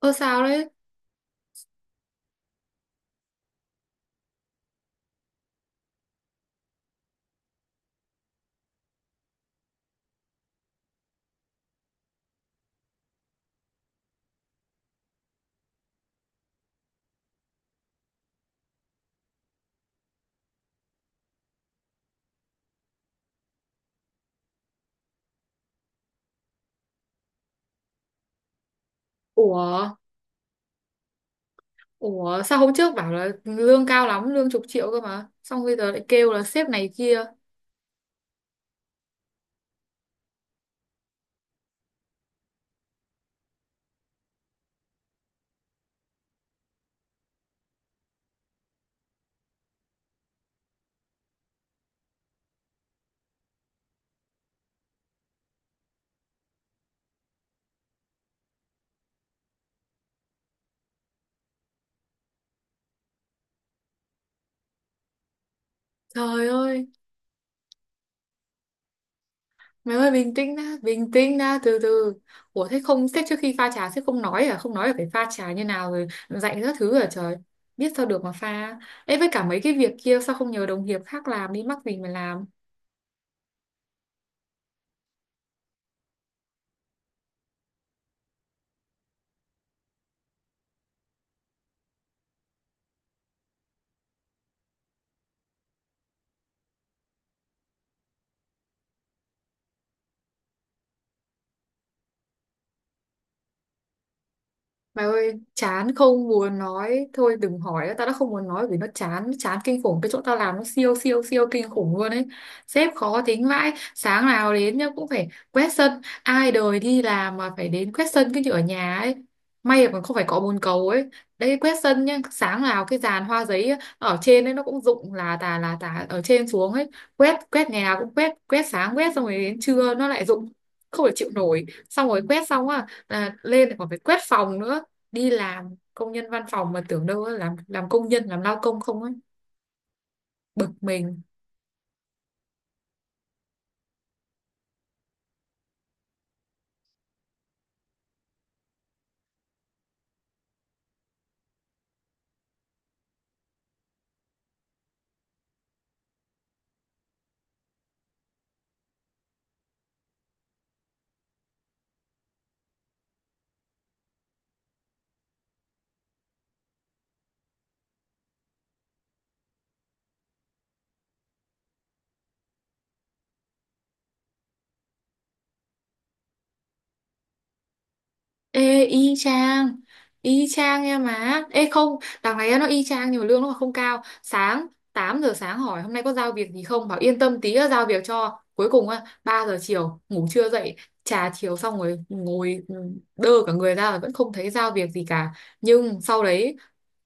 Ơ sao đấy? Ủa, ủa sao hôm trước bảo là lương cao lắm, lương chục triệu cơ mà. Xong bây giờ lại kêu là sếp này kia. Trời ơi, mày ơi bình tĩnh đã, từ từ. Ủa thế không, sếp trước khi pha trà sếp không nói à? Không nói là phải pha trà như nào rồi dạy các thứ à trời. Biết sao được mà pha. Ê với cả mấy cái việc kia sao không nhờ đồng nghiệp khác làm đi, mắc mình mà làm. Mày ơi, chán không muốn nói, thôi đừng hỏi nữa, tao đã không muốn nói vì nó chán, chán kinh khủng. Cái chỗ tao làm nó siêu siêu siêu kinh khủng luôn ấy. Sếp khó tính vãi. Sáng nào đến nhá cũng phải quét sân. Ai đời đi làm mà phải đến quét sân, cái như ở nhà ấy. May mà còn không phải cọ bồn cầu ấy. Đây quét sân nhá, sáng nào cái dàn hoa giấy á, ở trên ấy nó cũng rụng là tà ở trên xuống ấy. Quét, quét ngày nào cũng quét, quét sáng quét, xong rồi đến trưa nó lại rụng, không thể chịu nổi. Xong rồi quét xong á là lên lại còn phải quét phòng nữa. Đi làm công nhân văn phòng mà tưởng đâu á, làm công nhân làm lao công không ấy. Bực mình. Ê y chang. Y chang nha má. Ê không, đằng này nó y chang nhưng mà lương nó không cao. 8 giờ sáng hỏi hôm nay có giao việc gì không, bảo yên tâm tí đã giao việc cho. Cuối cùng á 3 giờ chiều ngủ chưa dậy. Trà chiều xong rồi ngồi đơ cả người ra là vẫn không thấy giao việc gì cả. Nhưng sau đấy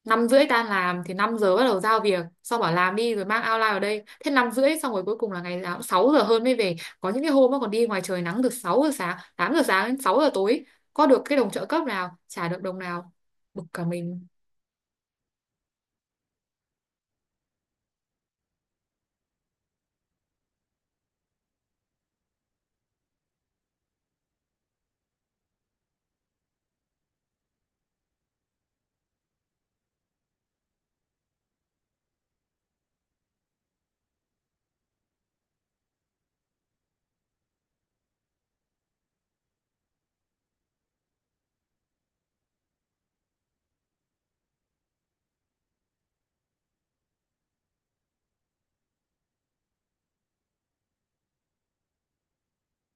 5 rưỡi tan làm thì 5 giờ bắt đầu giao việc, xong bảo làm đi rồi mang outline vào đây. Thế 5 rưỡi xong rồi cuối cùng là ngày nào cũng 6 giờ hơn mới về. Có những cái hôm nó còn đi ngoài trời nắng từ 6 giờ sáng, 8 giờ sáng đến 6 giờ tối, có được cái đồng trợ cấp nào, trả được đồng nào. Bực cả mình.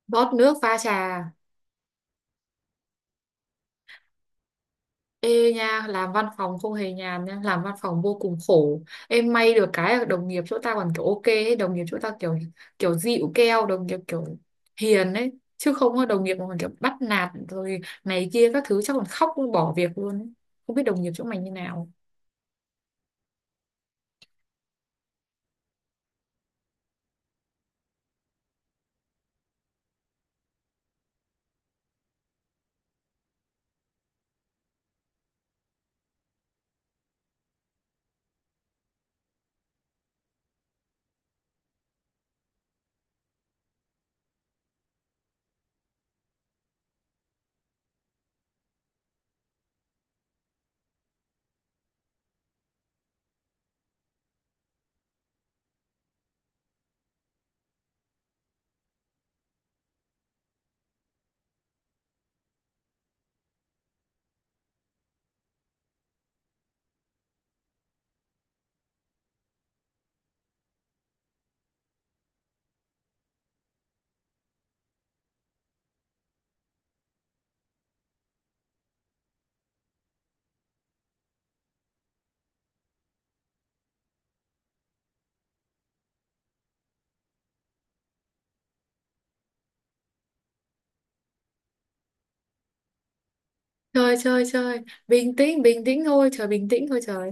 Rót nước pha trà. Ê nha, làm văn phòng không hề nhàn nha, làm văn phòng vô cùng khổ. Em may được cái là đồng nghiệp chỗ ta còn kiểu ok ấy. Đồng nghiệp chỗ ta kiểu kiểu dịu keo, đồng nghiệp kiểu hiền ấy, chứ không có đồng nghiệp mà còn kiểu bắt nạt rồi này kia các thứ chắc còn khóc bỏ việc luôn ấy. Không biết đồng nghiệp chỗ mày như nào. Chơi chơi chơi, bình tĩnh thôi trời, bình tĩnh thôi trời,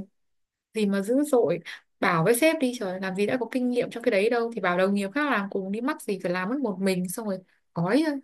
gì mà dữ dội. Bảo với sếp đi trời, làm gì đã có kinh nghiệm trong cái đấy đâu, thì bảo đồng nghiệp khác làm cùng đi, mắc gì phải làm mất một mình xong rồi gói thôi.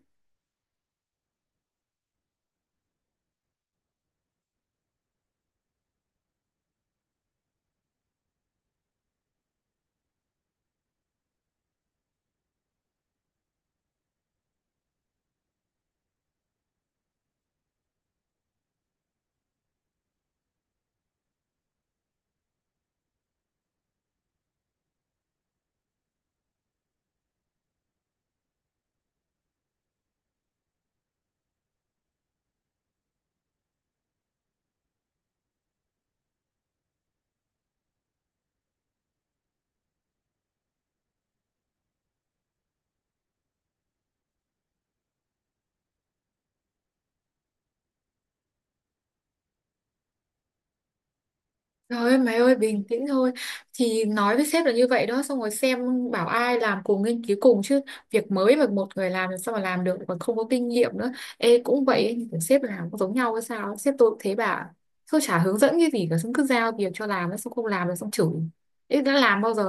Trời ơi mày ơi bình tĩnh thôi. Thì nói với sếp là như vậy đó xong rồi xem, bảo ai làm cùng nghiên cứu cùng chứ, việc mới mà một người làm sao mà làm được, còn không có kinh nghiệm nữa. Ê cũng vậy ấy, nhưng mà sếp làm cũng giống nhau hay sao ấy. Sếp tôi cũng thế bà, tôi chả hướng dẫn cái gì cả, xong cứ giao việc cho làm, xong không làm là xong chửi. Ê đã làm bao giờ.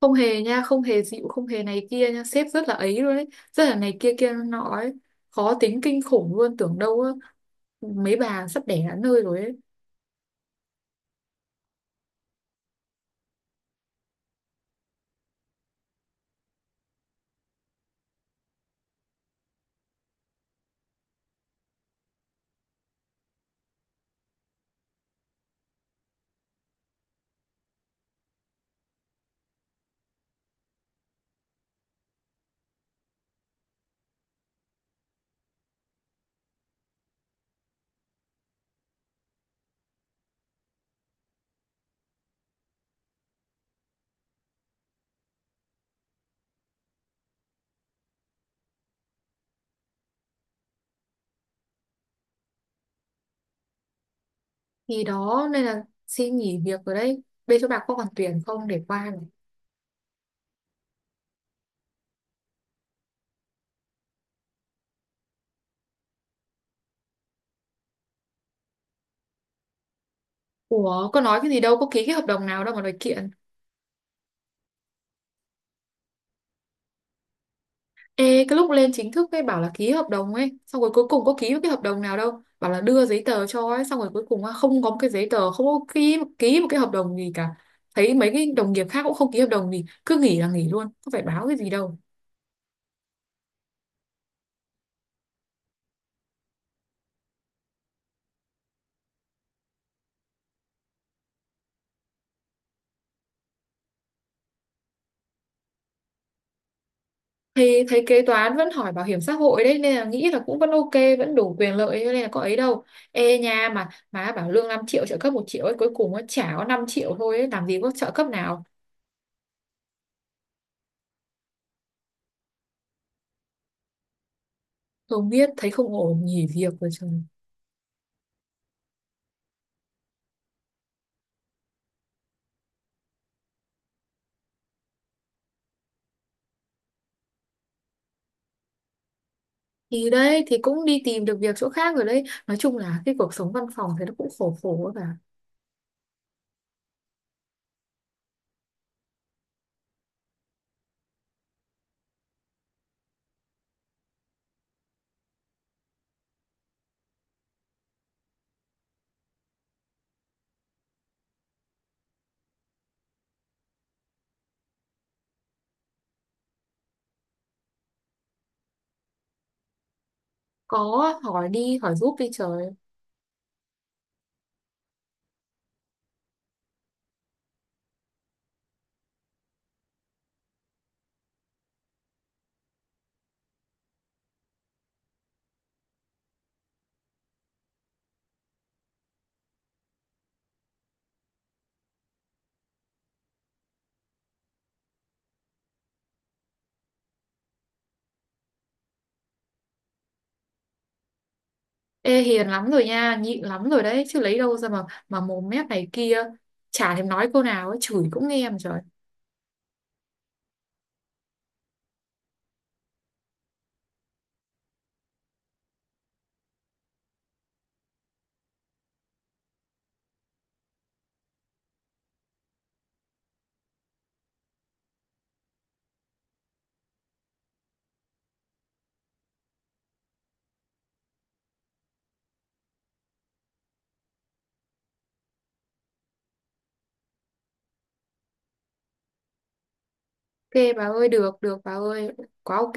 Không hề nha, không hề dịu, không hề này kia nha, sếp rất là ấy luôn ấy, rất là này kia kia nọ ấy, khó tính kinh khủng luôn, tưởng đâu á, mấy bà sắp đẻ đến nơi rồi ấy. Thì đó nên là xin nghỉ việc rồi đấy, bên chỗ bà có còn tuyển không để qua này. Ủa có nói cái gì đâu, có ký cái hợp đồng nào đâu mà đòi kiện. Ê, cái lúc lên chính thức ấy bảo là ký hợp đồng ấy, xong rồi cuối cùng có ký cái hợp đồng nào đâu, bảo là đưa giấy tờ cho ấy, xong rồi cuối cùng á, không có một cái giấy tờ, không có ký, một cái hợp đồng gì cả. Thấy mấy cái đồng nghiệp khác cũng không ký hợp đồng gì, cứ nghỉ là nghỉ luôn, không phải báo cái gì đâu. Thì thấy kế toán vẫn hỏi bảo hiểm xã hội đấy nên là nghĩ là cũng vẫn ok, vẫn đủ quyền lợi cho nên là có ấy đâu. Ê nha mà má bảo lương 5 triệu trợ cấp 1 triệu ấy, cuối cùng nó chả có, 5 triệu thôi ấy, làm gì có trợ cấp nào. Không biết, thấy không ổn nghỉ việc rồi trời. Thì đấy thì cũng đi tìm được việc chỗ khác rồi đấy, nói chung là cái cuộc sống văn phòng thì nó cũng khổ khổ cả. Có. Hỏi đi, hỏi giúp đi trời. Ê hiền lắm rồi nha, nhịn lắm rồi đấy, chứ lấy đâu ra mà mồm mép này kia, chả thèm nói câu nào ấy, chửi cũng nghe mà trời. Ok bà ơi, được được bà ơi, quá ok.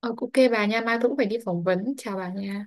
Ờ, ok bà nha, mai tôi cũng phải đi phỏng vấn, chào bà nha.